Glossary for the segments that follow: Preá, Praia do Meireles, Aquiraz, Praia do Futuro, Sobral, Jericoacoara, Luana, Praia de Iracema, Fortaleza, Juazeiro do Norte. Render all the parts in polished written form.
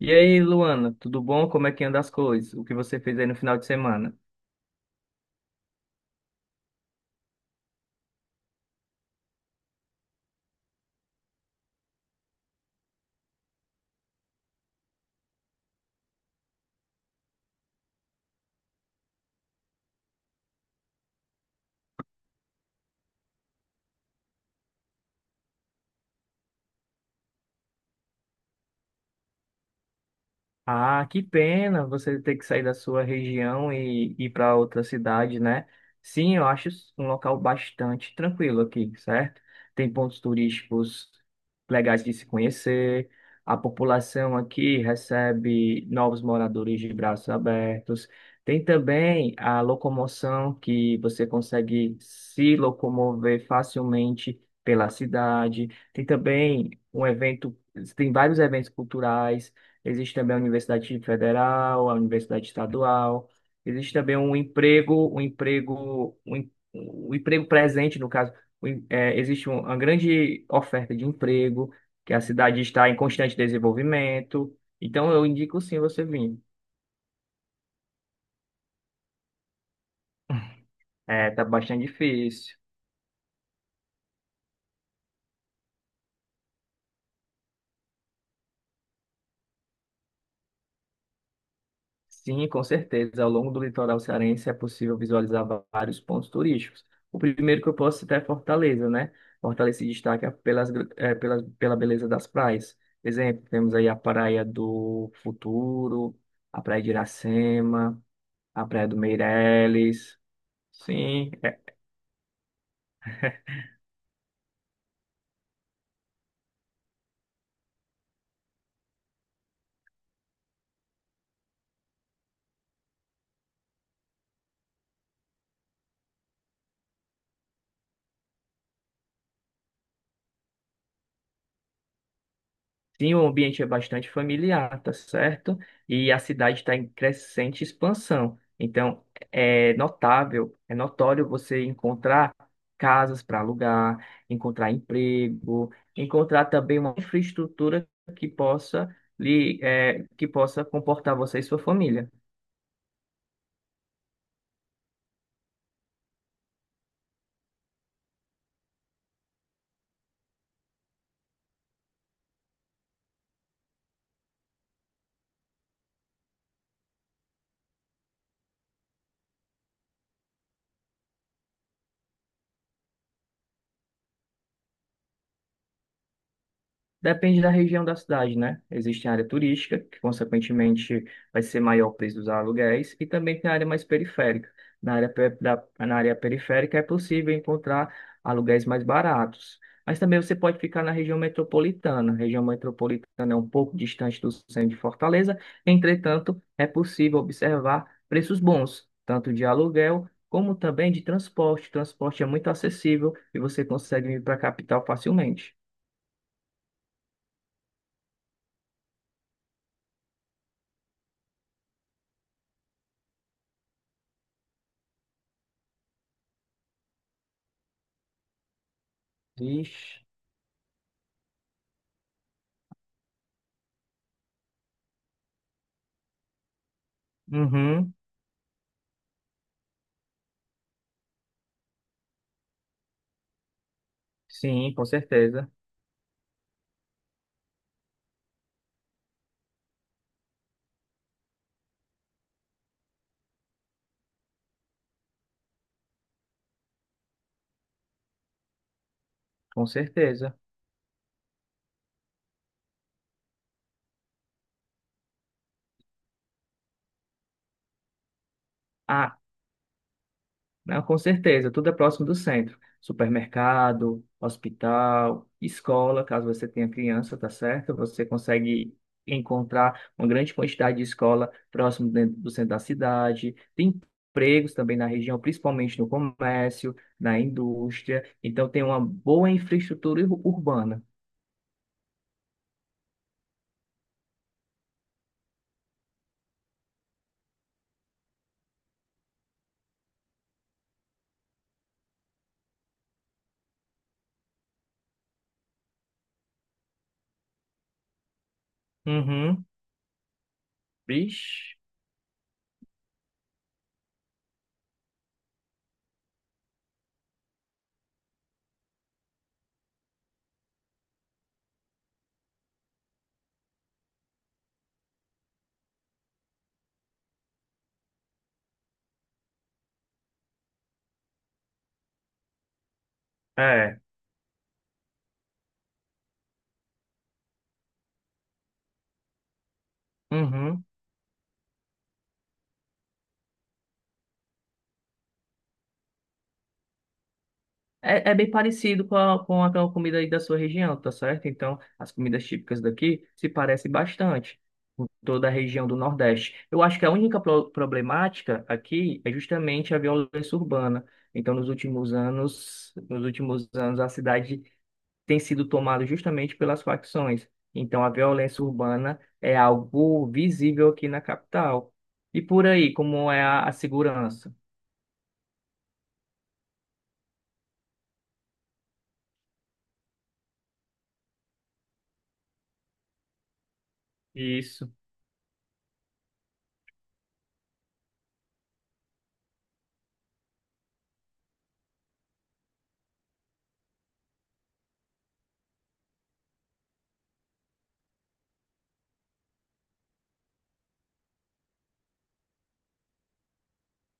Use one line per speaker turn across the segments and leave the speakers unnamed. E aí, Luana, tudo bom? Como é que anda as coisas? O que você fez aí no final de semana? Ah, que pena você ter que sair da sua região e ir para outra cidade, né? Sim, eu acho um local bastante tranquilo aqui, certo? Tem pontos turísticos legais de se conhecer, a população aqui recebe novos moradores de braços abertos. Tem também a locomoção que você consegue se locomover facilmente pela cidade. Tem também um evento, tem vários eventos culturais. Existe também a Universidade Federal, a Universidade Estadual. Existe também um emprego presente, no caso. Uma grande oferta de emprego, que a cidade está em constante desenvolvimento. Então, eu indico sim você vir. É, tá bastante difícil. Sim, com certeza. Ao longo do litoral cearense é possível visualizar vários pontos turísticos. O primeiro que eu posso citar é Fortaleza, né? Fortaleza se destaca pelas, gr- eh, pelas, pela beleza das praias. Exemplo, temos aí a Praia do Futuro, a Praia de Iracema, a Praia do Meireles. Sim, sim, o ambiente é bastante familiar, tá certo? E a cidade está em crescente expansão. Então, é notório você encontrar casas para alugar, encontrar emprego, encontrar também uma infraestrutura que possa que possa comportar você e sua família. Depende da região da cidade, né? Existe a área turística, que consequentemente vai ser maior o preço dos aluguéis, e também tem a área mais periférica. Na área periférica é possível encontrar aluguéis mais baratos. Mas também você pode ficar na região metropolitana. A região metropolitana é um pouco distante do centro de Fortaleza, entretanto, é possível observar preços bons, tanto de aluguel como também de transporte. O transporte é muito acessível e você consegue vir para a capital facilmente. Vixe. Uhum, sim, com certeza, com certeza. Ah, não, com certeza, tudo é próximo do centro. Supermercado, hospital, escola, caso você tenha criança, tá certo? Você consegue encontrar uma grande quantidade de escola próximo dentro do centro da cidade. Tem empregos também na região, principalmente no comércio, na indústria. Então tem uma boa infraestrutura urbana. Uhum, vixe, é. Uhum. É, é bem parecido com a comida aí da sua região, tá certo? Então, as comidas típicas daqui se parecem bastante com toda a região do Nordeste. Eu acho que a única problemática aqui é justamente a violência urbana. Então, nos últimos anos, a cidade tem sido tomada justamente pelas facções. Então, a violência urbana é algo visível aqui na capital. E por aí, como é a segurança? Isso,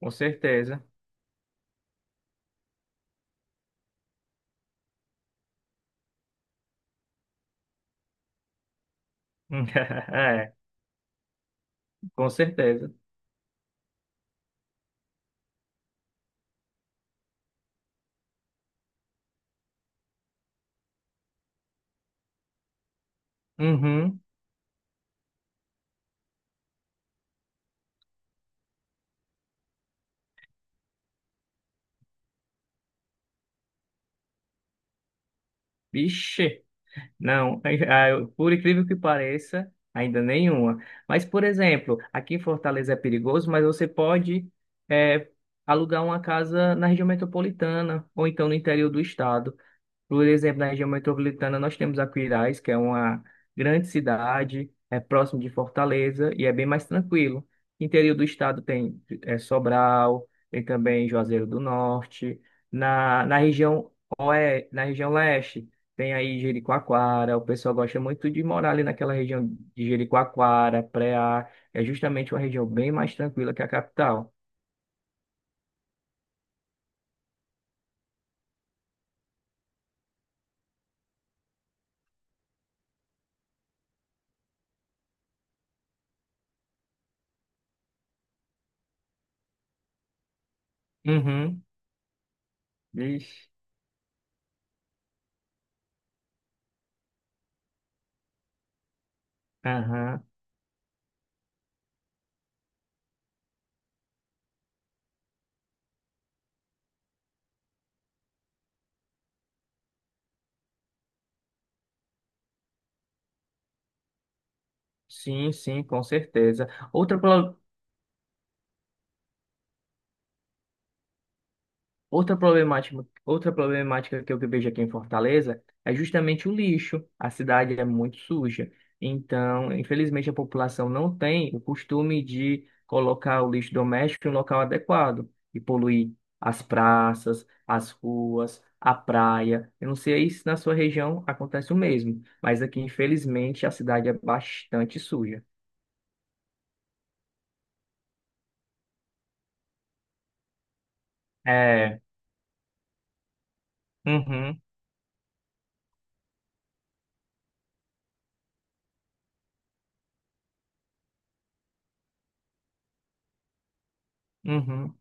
com certeza. É. Com certeza. Uhum. Vixe. Não, ah, por incrível que pareça, ainda nenhuma. Mas, por exemplo, aqui em Fortaleza é perigoso, mas você pode eh, alugar uma casa na região metropolitana ou então no interior do estado. Por exemplo, na região metropolitana, nós temos Aquiraz, que é uma grande cidade, é próximo de Fortaleza e é bem mais tranquilo. Interior do estado tem é, Sobral, tem também Juazeiro do Norte. Na região na região leste, tem aí Jericoacoara. O pessoal gosta muito de morar ali naquela região de Jericoacoara, Preá é justamente uma região bem mais tranquila que a capital. Uhum. Ixi. Aham. Sim, sim, com certeza. Outra problemática que eu vejo aqui em Fortaleza é justamente o lixo. A cidade é muito suja. Então, infelizmente, a população não tem o costume de colocar o lixo doméstico em um local adequado e poluir as praças, as ruas, a praia. Eu não sei se na sua região acontece o mesmo, mas aqui, infelizmente, a cidade é bastante suja. É. Uhum, uhum,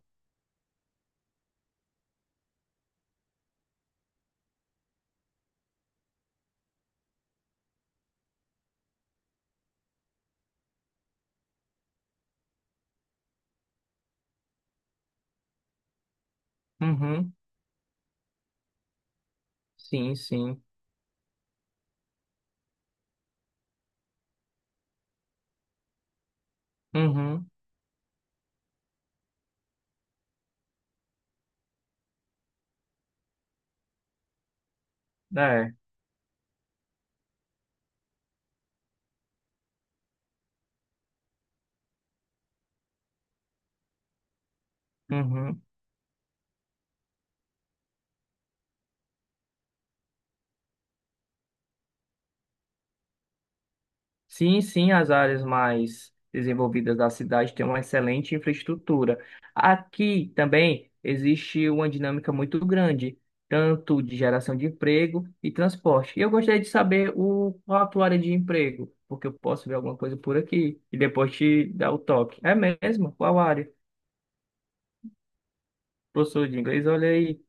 uhum. Sim, sim. Uhum, é. Uhum. Sim, sim, as áreas mais desenvolvidas da cidade têm uma excelente infraestrutura. Aqui também existe uma dinâmica muito grande, tanto de geração de emprego e transporte. E eu gostaria de saber qual a tua área de emprego, porque eu posso ver alguma coisa por aqui e depois te dar o toque. É mesmo? Qual área? Professor de inglês, olha aí.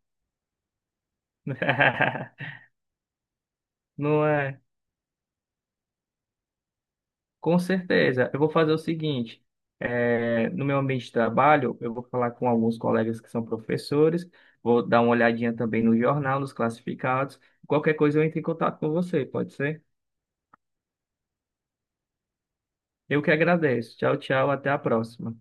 Não é? Com certeza. Eu vou fazer o seguinte: no meu ambiente de trabalho, eu vou falar com alguns colegas que são professores, vou dar uma olhadinha também no jornal, nos classificados. Qualquer coisa eu entro em contato com você, pode ser? Eu que agradeço. Tchau, tchau, até a próxima.